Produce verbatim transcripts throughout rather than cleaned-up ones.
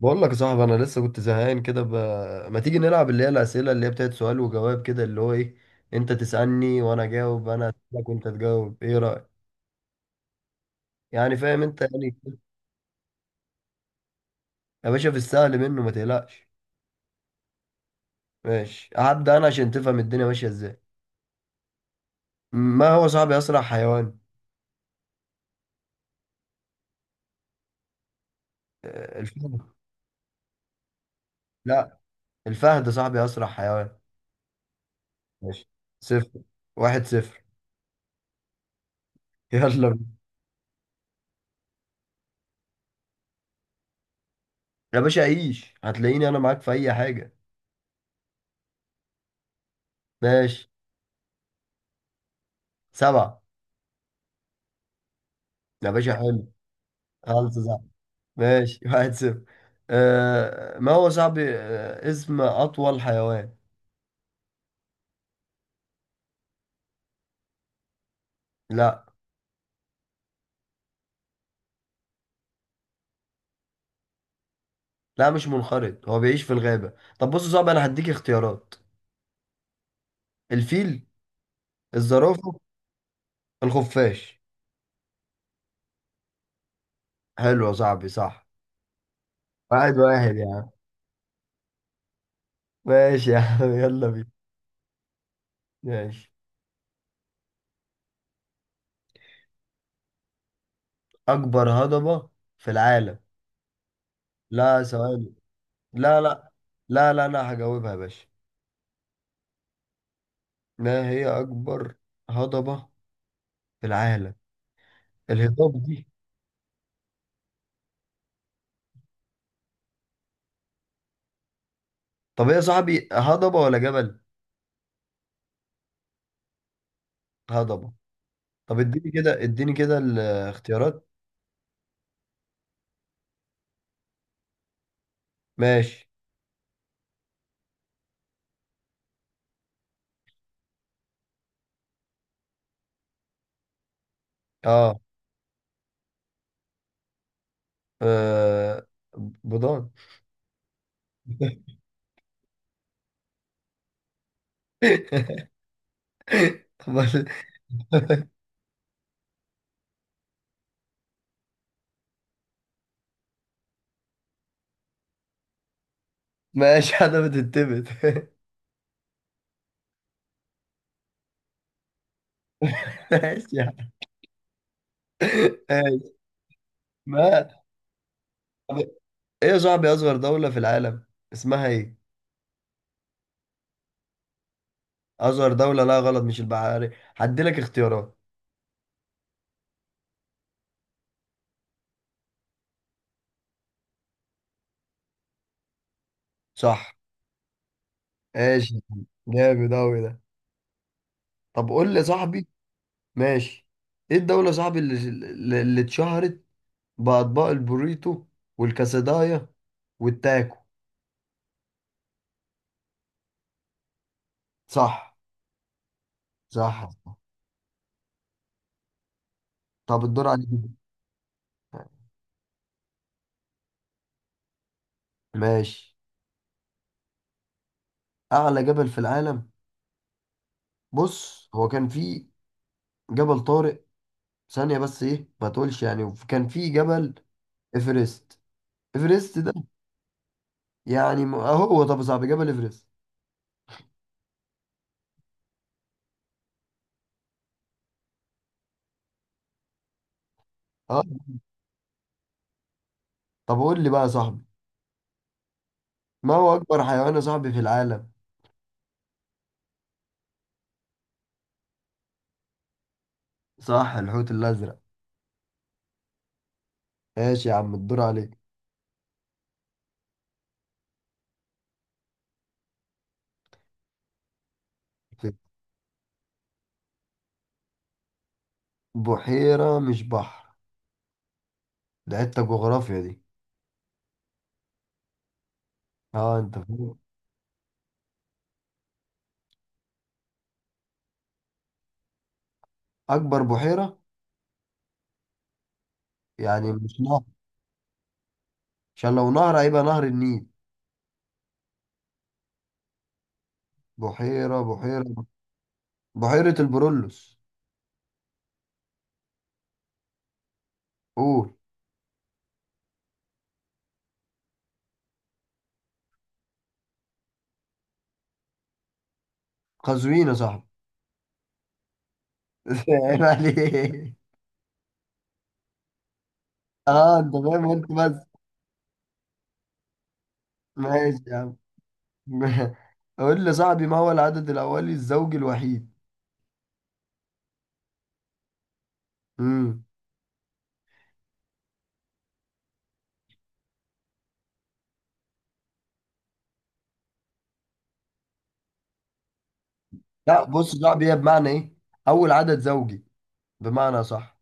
بقول لك يا صاحبي، انا لسه كنت زهقان كده ب... ما تيجي نلعب اللي هي الاسئله، اللي هي بتاعت سؤال وجواب كده، اللي هو ايه، انت تسالني وانا اجاوب، انا اسالك وانت تجاوب، ايه رايك؟ يعني فاهم انت، يعني. يا باشا، في السهل منه، ما تقلقش. ماشي، هبدا انا عشان تفهم الدنيا ماشيه ازاي. ما هو صاحبي اسرع حيوان؟ آه، الفهد. لا، الفهد صاحبي اسرع حيوان. ماشي. صفر. واحد صفر. يلا بينا. يا باشا عيش، هتلاقيني انا معاك في اي حاجه. ماشي. سبعه. يا باشا حلو. خلص. ماشي. واحد صفر. آه ما هو صاحبي، آه اسم أطول حيوان؟ لا، لا مش منقرض، هو بيعيش في الغابة. طب بص يا صاحبي، أنا هديك اختيارات. الفيل. الزرافة. الخفاش. حلو يا صاحبي، صح. واحد واحد يا عم. ماشي يا عم، يلا بينا. ماشي. أكبر هضبة في العالم؟ لا، ثواني. لا لا لا لا، أنا هجاوبها يا باشا. ما هي أكبر هضبة في العالم، الهضاب دي؟ طب هي يا صاحبي هضبة ولا جبل؟ هضبة. طب اديني كده، اديني كده الاختيارات. ماشي. اه. آه. بضان. بس- ماشي حاجة بتتبت. ماشي يعني. ماشي. ما. طب ايه يا صاحبي اصغر دولة في العالم، اسمها ايه؟ اصغر دولة؟ لا غلط، مش البحاري. هديلك اختيارات. صح. ماشي. جامد اوي ده. طب قول لي يا صاحبي. ماشي. ايه الدولة يا صاحبي اللي اللي اللي اتشهرت بأطباق البوريتو والكاسدايا والتاكو؟ صح. صح. طب الدور عليك. ماشي. اعلى جبل في العالم؟ بص، هو كان في جبل طارق. ثانية بس، ايه ما تقولش يعني كان في جبل. ايفرست. ايفرست ده. يعني م- اهو. طب يا صاحبي، جبل ايفرست. اه. طب قول لي بقى يا صاحبي. ما هو اكبر حيوان يا صاحبي في العالم؟ صح، الحوت الازرق. ماشي يا عم، الدور عليك. بحيرة مش بحر. ده حتة جغرافيا دي. اه انت فاهم. اكبر بحيرة، يعني مش نهر؟ عشان لو نهر هيبقى نهر النيل. بحيرة، بحيرة. بحيرة البرولوس. قول. قزوين يا صاحبي. عيب عليك. اه انت فاهم، وانت بس. ماشي يا عم. قول لي يا صاحبي، ما هو العدد الأولي الزوجي الوحيد؟ امم لا بص يا صاحبي، هي بمعنى ايه؟ أول عدد زوجي، بمعنى. صح.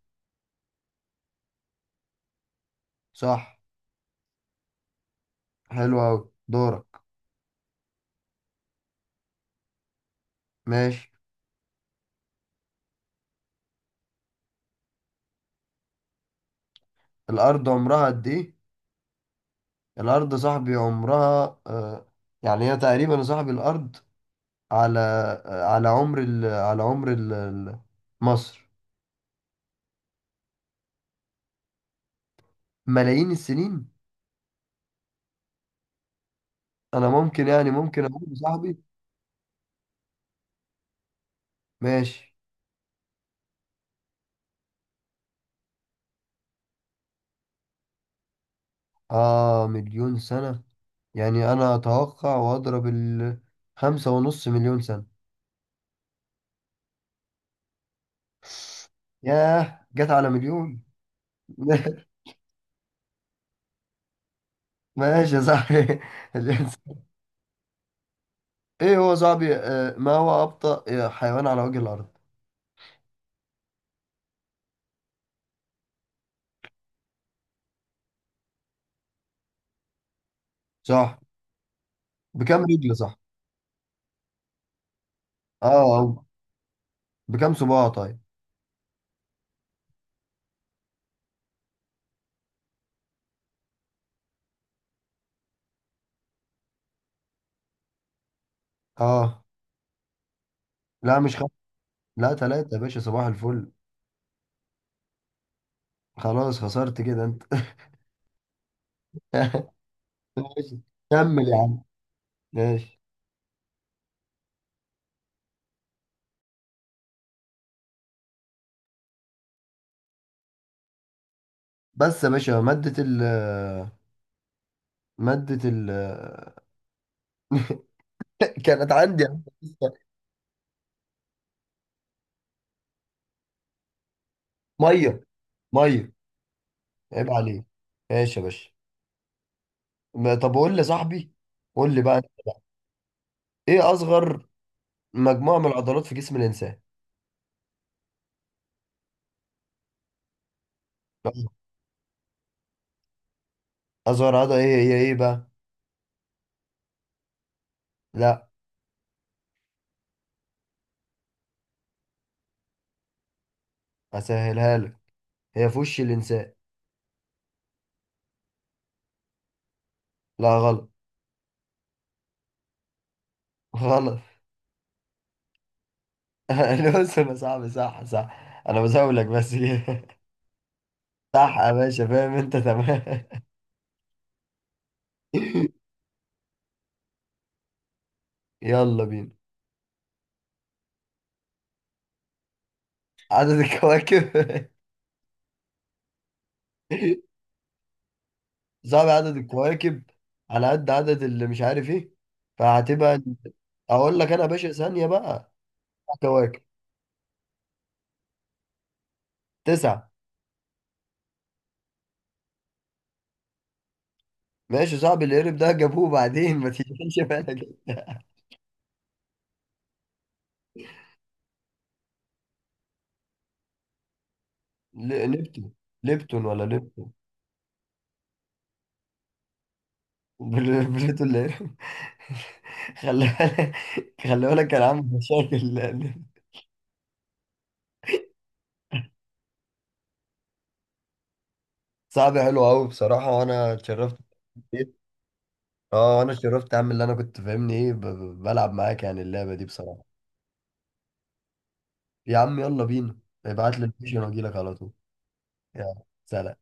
صح. حلو أوي. دورك. ماشي. الأرض عمرها قد ايه؟ الأرض يا صاحبي عمرها آه، يعني هي تقريبا يا صاحبي، الأرض على، على عمر ال... على عمر ال... ال- مصر. ملايين السنين. انا ممكن، يعني ممكن اقول لصاحبي. ماشي. اه، مليون سنة. يعني انا اتوقع، واضرب ال، خمسة ونص مليون سنة. ياه، جت على مليون. ماشي يا صاحبي. مليون سنة. ايه هو صاحبي، آه، ما هو ابطأ آه، حيوان على وجه الارض؟ صح. بكم رجل، صح؟ اه، أو بكم صباع؟ طيب. اه. لا مش خمسة. لا ثلاثة يا باشا، صباح الفل. خلاص خسرت كده انت. ماشي. كمل يا عم. ماشي. بس يا باشا، مادة ال، مادة ال كانت عندي يا باشا. مية. مية. عيب عليك. ماشي يا باشا. ما- طب قول لي يا صاحبي، قول لي بقى، ايه اصغر مجموعة من العضلات في جسم الانسان؟ اصغر عضلة، ايه هي ايه بقى؟ لا. اسهلها لك، هي في وش الانسان. لا غلط. غلط. الوسم يا صاحبي، صح صح، انا بزاولك بس كده. صح يا باشا، فاهم انت، تمام. يلا بينا. عدد الكواكب. صعب عدد الكواكب، على قد عدد اللي مش عارف ايه، فهتبقى. اقول لك انا يا باشا، ثانية بقى. كواكب. تسعة. ماشي، صعب. القرب ده جابوه بعدين، ما تشغلش بالك. ل- نبتون. ليبتون ولا ليبتون؟ بل- بليتون اللي. خلي بالك، خلي بالك، كان عامل مشاكل. صعب. حلو قوي بصراحة، وانا اتشرفت. اه، انا اتشرفت يا عم. اللي انا كنت فاهمني ايه، ب- ب- بلعب معاك يعني اللعبة دي بصراحة. يا عم يلا بينا، ابعت لي اللوكيشن واجي لك على طول. يلا سلام.